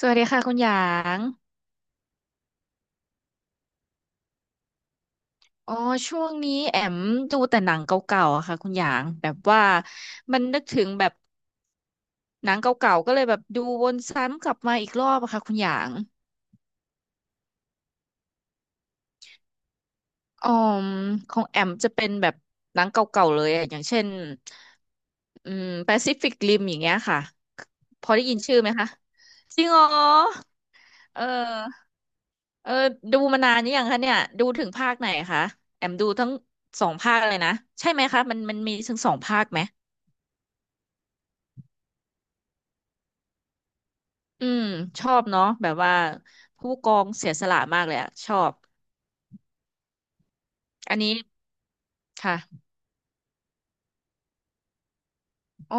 สวัสดีค่ะคุณหยางอ๋อช่วงนี้แอมดูแต่หนังเก่าๆอะค่ะคุณหยางแบบว่ามันนึกถึงแบบหนังเก่าๆก็เลยแบบดูวนซ้ำกลับมาอีกรอบอะค่ะคุณหยางอ๋อมของแอมจะเป็นแบบหนังเก่าๆเลยอะอย่างเช่นอืม i f i c ฟ i กริอย่างเงี้ยค่ะ พอได้ยินชื่อไหมคะ จริงเหรอเออเออดูมานานหรือยังคะเนี่ยดูถึงภาคไหนคะแอมดูทั้งสองภาคเลยนะใช่ไหมคะมันมีถึงสองภาคไหม อืมชอบเนาะแบบว่าผู้กองเสียสละมากเลยอะชอบอันนี้ค่ะอ๋อ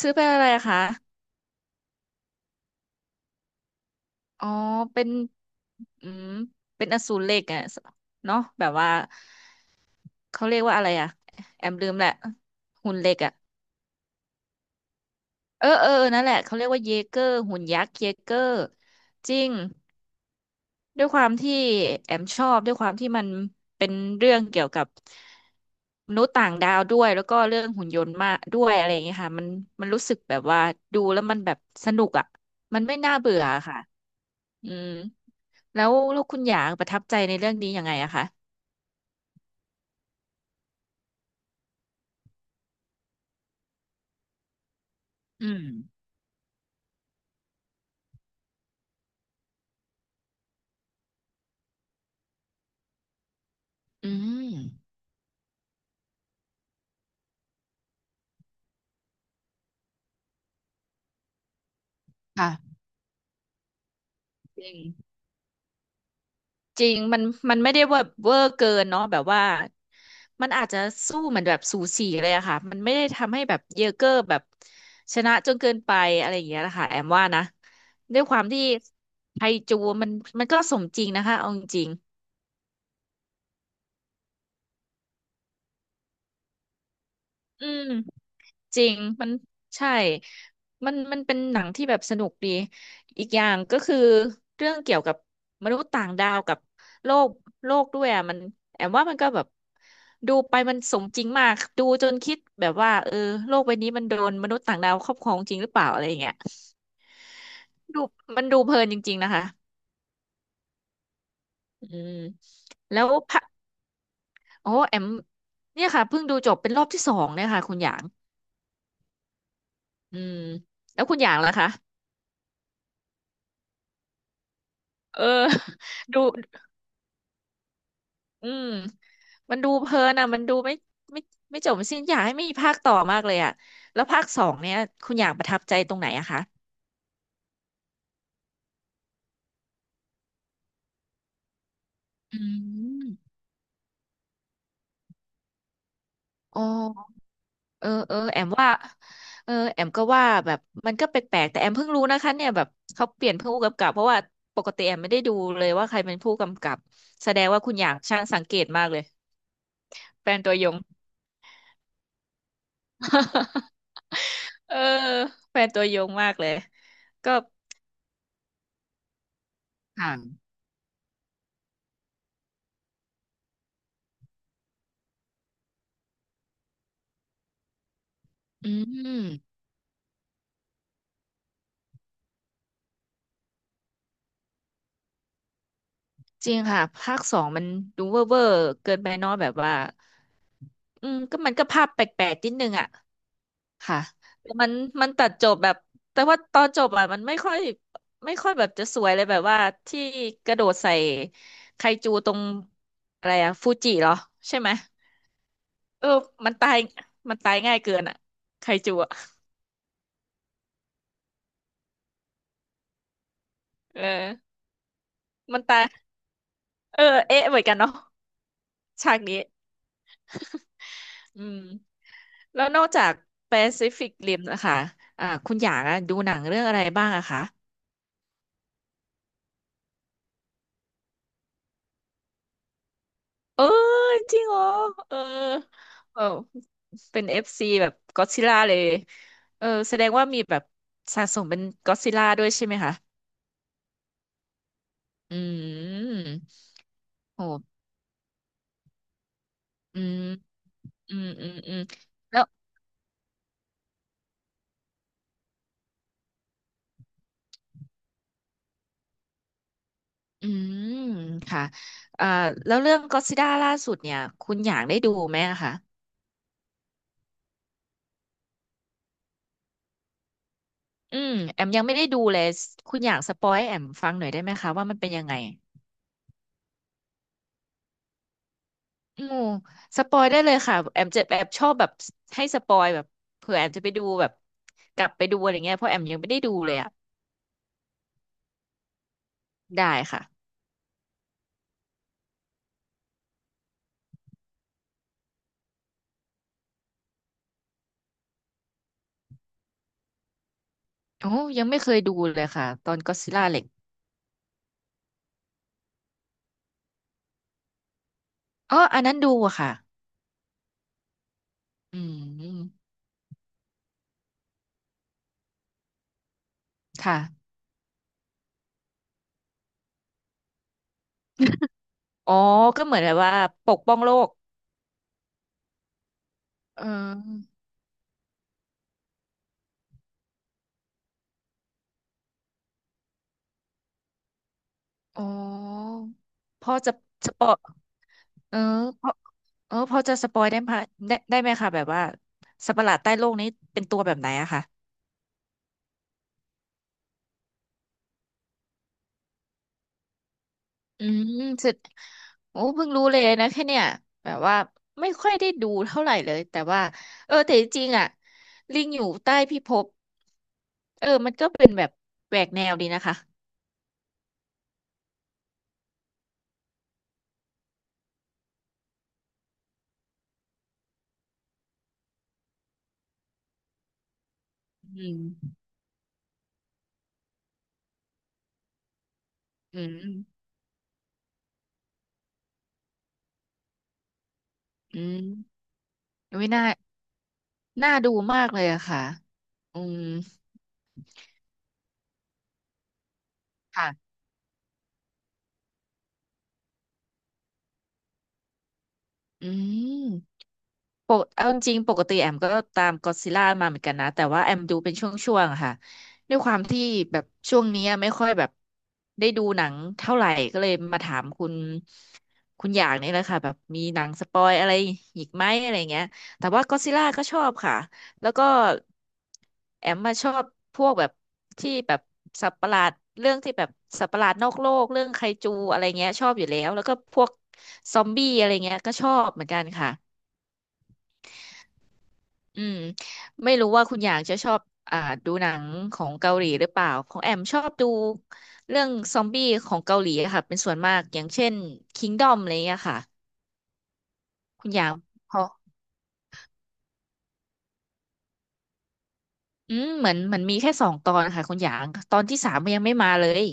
ซื้อเป็นอะไรอะคะอ๋อเป็นอืมเป็นอสูรเหล็กอะเนาะแบบว่าเขาเรียกว่าอะไรอะแอมลืมแหละหุ่นเหล็กอะนั่นแหละเขาเรียกว่าเยเกอร์หุ่นยักษ์เยเกอร์จริง ด้วยความที่แอมชอบด้วยความที่มันเป็นเรื่องเกี่ยวกับมนุษย์ต่างดาวด้วยแล้วก็เรื่องหุ่นยนต์มากด้วยอะไรอย่างเงี้ยค่ะมันรู้สึกแบบว่าดูแล้วมันแบบสนุกอ่ะมันไม่น่าเบื่อค่ะอืมแล้วคุณหยางประทับใจในเรื่องนี้ยังไงอะคะอืมอืมค่ะจริง จริงมันไม่ได้ว่าเวอร์เกินเนาะแบบว่ามันอาจจะสู้เหมือนแบบสูสีเลยอะค่ะมันไม่ได้ทำให้แบบเยอเกอร์แบบชนะจนเกินไปอะไรอย่างเงี้ยนะคะแอมว่านะด้วยความที่ไทจูมันก็สมจริงนะคะเอาจริงๆอืม จริงมันใช่มันเป็นหนังที่แบบสนุกดีอีกอย่างก็คือเรื่องเกี่ยวกับมนุษย์ต่างดาวกับโลกด้วยอ่ะมันแอมว่ามันก็แบบดูไปมันสมจริงมากดูจนคิดแบบว่าเออโลกใบนี้มันโดนมนุษย์ต่างดาวครอบครองจริงหรือเปล่าอะไรอย่างเงี้ยดูมันดูเพลินจริงๆนะคะอืมแล้วพระโอ้แอมเนี่ยค่ะเพิ่งดูจบเป็นรอบที่สองเนี่ยค่ะคุณหยางอืมแล้วคุณหยางล่ะคะเออ ดู อืมมันดูเพลินอ่ะมันดูไม่ไม่จบสิ้นอยากให้มีภาคต่อมากเลยอ่ะแล้วภาคสองเนี่ยคุณอยากประทับใจตรงไหนอะคะอืมอ๋อแอมว่าเออแอมก็ว่าแบบมันก็แปลกๆแต่แอมเพิ่งรู้นะคะเนี่ยแบบเขาเปลี่ยนผู้กำกับเพราะว่าปกติแอมไม่ได้ดูเลยว่าใครเป็นผู้กำกับแสดงว่าคุณอยากช่างสังเกตมากเลยแฟนตัวยง เออแฟนตัวยงมากเลยก็ค่ะอืม จริงค่ะภาคสองมันดูเวอร์เกินไปเนอยแบบว่าอืมก็มันก็ภาพแปลกๆนิดนึงอ่ะค่ะแต่มันตัดจบแบบแต่ว่าตอนจบอ่ะมันไม่ค่อยแบบจะสวยเลยแบบว่าที่กระโดดใส่ไคจูตรงอะไรอ่ะฟูจิเหรอใช่ไหมเออมันตายมันตายง่ายเกินอ่ะไคจูอ่ะเออมันตายเออเอ๊ะเหมือนกันเนาะฉากนี้ อืมแล้วนอกจาก Pacific Rim นะคะอ่าคุณอยากอะดูหนังเรื่องอะไรบ้างอะคะเออจริงเหรอเออเออเป็นเอฟซีแบบก็ d z ซิล่าเลยเออแสดงว่ามีแบบสะสมเป็นก็ d z ซิล่าด้วยใช่ไหมคะอืมโอ้อืมอืมแล้วอืมค่ะอ่าแล้วเรื่องก็ d z ซิล่าล่าสุดเนี่ยคุณอยากได้ดูไหมอะคะ อืมแอมยังไม่ได้ดูเลยคุณอยากสปอยให้แอมฟังหน่อยได้ไหมคะว่ามันเป็นยังไงอืมสปอยได้เลยค่ะแอมจะแอบชอบแบบให้สปอยแบบเผื่อแอมจะไปดูแบบกลับไปดูอะไรเงี้ยเพราะแอมยังไม่ได้ดูเลยอ่ะได้ค่ะโอ้ยังไม่เคยดูเลยค่ะตอนก็อดซิลล่าเหล็กอ๋ออันนั้นดูอะค่ะอืมค่ะอ๋อก็เหมือนแบบว่าปกป้องโลกเอออ๋อพ่อจะสปอย เออพอจะสปอยได้ไหมได้ได้ไหมคะแบบว่าสัตว์ประหลาดใต้โลกนี้เป็นตัวแบบไหนอะค่ะอืมสุดโอ้เพิ่งรู้เลยนะแค่เนี่ยแบบว่าไม่ค่อยได้ดูเท่าไหร่เลยแต่ว่าเออแต่จริงๆอ่ะลิงอยู่ใต้พิภพก็เป็นแบบแหวกแนวดีนะคะอืมอืมอืมไม่น่าน่าดูมากเลยอะค่ะอืมค่ะอืม ปกเอาจริงๆปกติแอมก็ตามก็อดซิลล่ามาเหมือนกันนะแต่ว่าแอมดูเป็นช่วงๆอะค่ะด้วยความที่แบบช่วงเนี้ยไม่ค่อยแบบได้ดูหนังเท่าไหร่ก็เลยมาถามคุณอยากนี่แหละค่ะแบบมีหนังสปอยอะไรอีกไหมอะไรเงี้ยแต่ว่าก็อดซิลล่าก็ชอบค่ะแล้วก็แอมมาชอบพวกแบบที่แบบสัตว์ประหลาดเรื่องที่แบบสัตว์ประหลาดนอกโลกเรื่องไคจูอะไรเงี้ยชอบอยู่แล้วแล้วก็พวกซอมบี้อะไรเงี้ยก็ชอบเหมือนกันค่ะ อืมไม่รู้ว่าคุณอย่างจะชอบอ่าดูหนังของเกาหลีหรือเปล่าของแอมชอบดูเรื่องซอมบี้ของเกาหลีอะค่ะเป็นส่วนมากอย่างเช่น k ิงดอ o m อะไรเงี้ยค่ะคุณอย่างพออืมเหมือนเหมันมีแค่สองตอนค่ะคุณอย่างตอนที่สามมันยังไม่มาเลย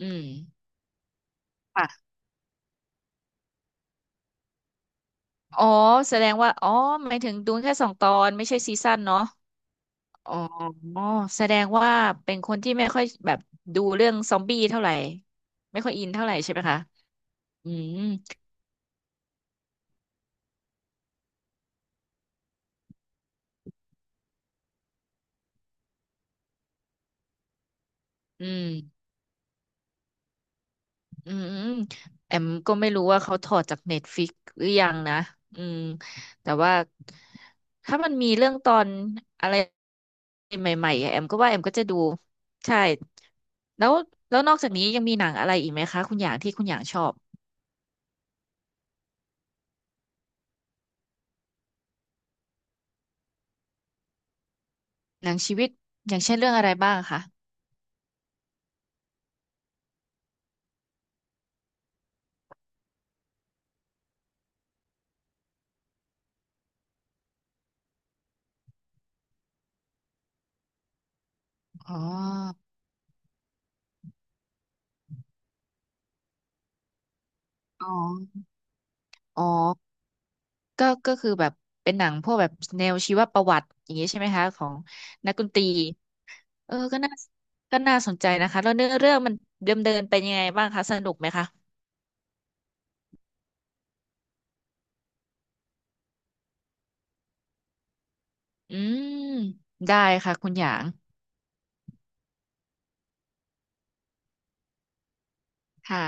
อืมค่ะอ๋อแสดงว่าอ๋อหมายถึงดูแค่สองตอนไม่ใช่ซีซั่นเนาะอ๋อแสดงว่าเป็นคนที่ไม่ค่อยแบบดูเรื่องซอมบี้เท่าไหร่ไม่ค่อยอินเท่าไหร่ใช่ไหมคะอืมอืม อืมแอมก็ไม่รู้ว่าเขาถอดจากเน็ตฟิกหรือยังนะอืมแต่ว่าถ้ามันมีเรื่องตอนอะไรใหม่ๆอะแอมก็ว่าแอมก็จะดูใช่แล้วนอกจากนี้ยังมีหนังอะไรอีกไหมคะคุณอย่างที่คุณอย่างชอบหนังชีวิตอย่างเช่นเรื่องอะไรบ้างคะอ๋ออ๋ออ๋อก็คือแบบเป็นหนังพวกแบบแนวชีวประวัติอย่างนี้ใช่ไหมคะของนักดนตรี เออก็น่าก็น่าสนใจนะคะแล้วเนื้อเรื่องมันเดิมเดินเป็นยังไงบ้างคะสนุกไหมคะอืมได้ค่ะคุณหยางค่ะ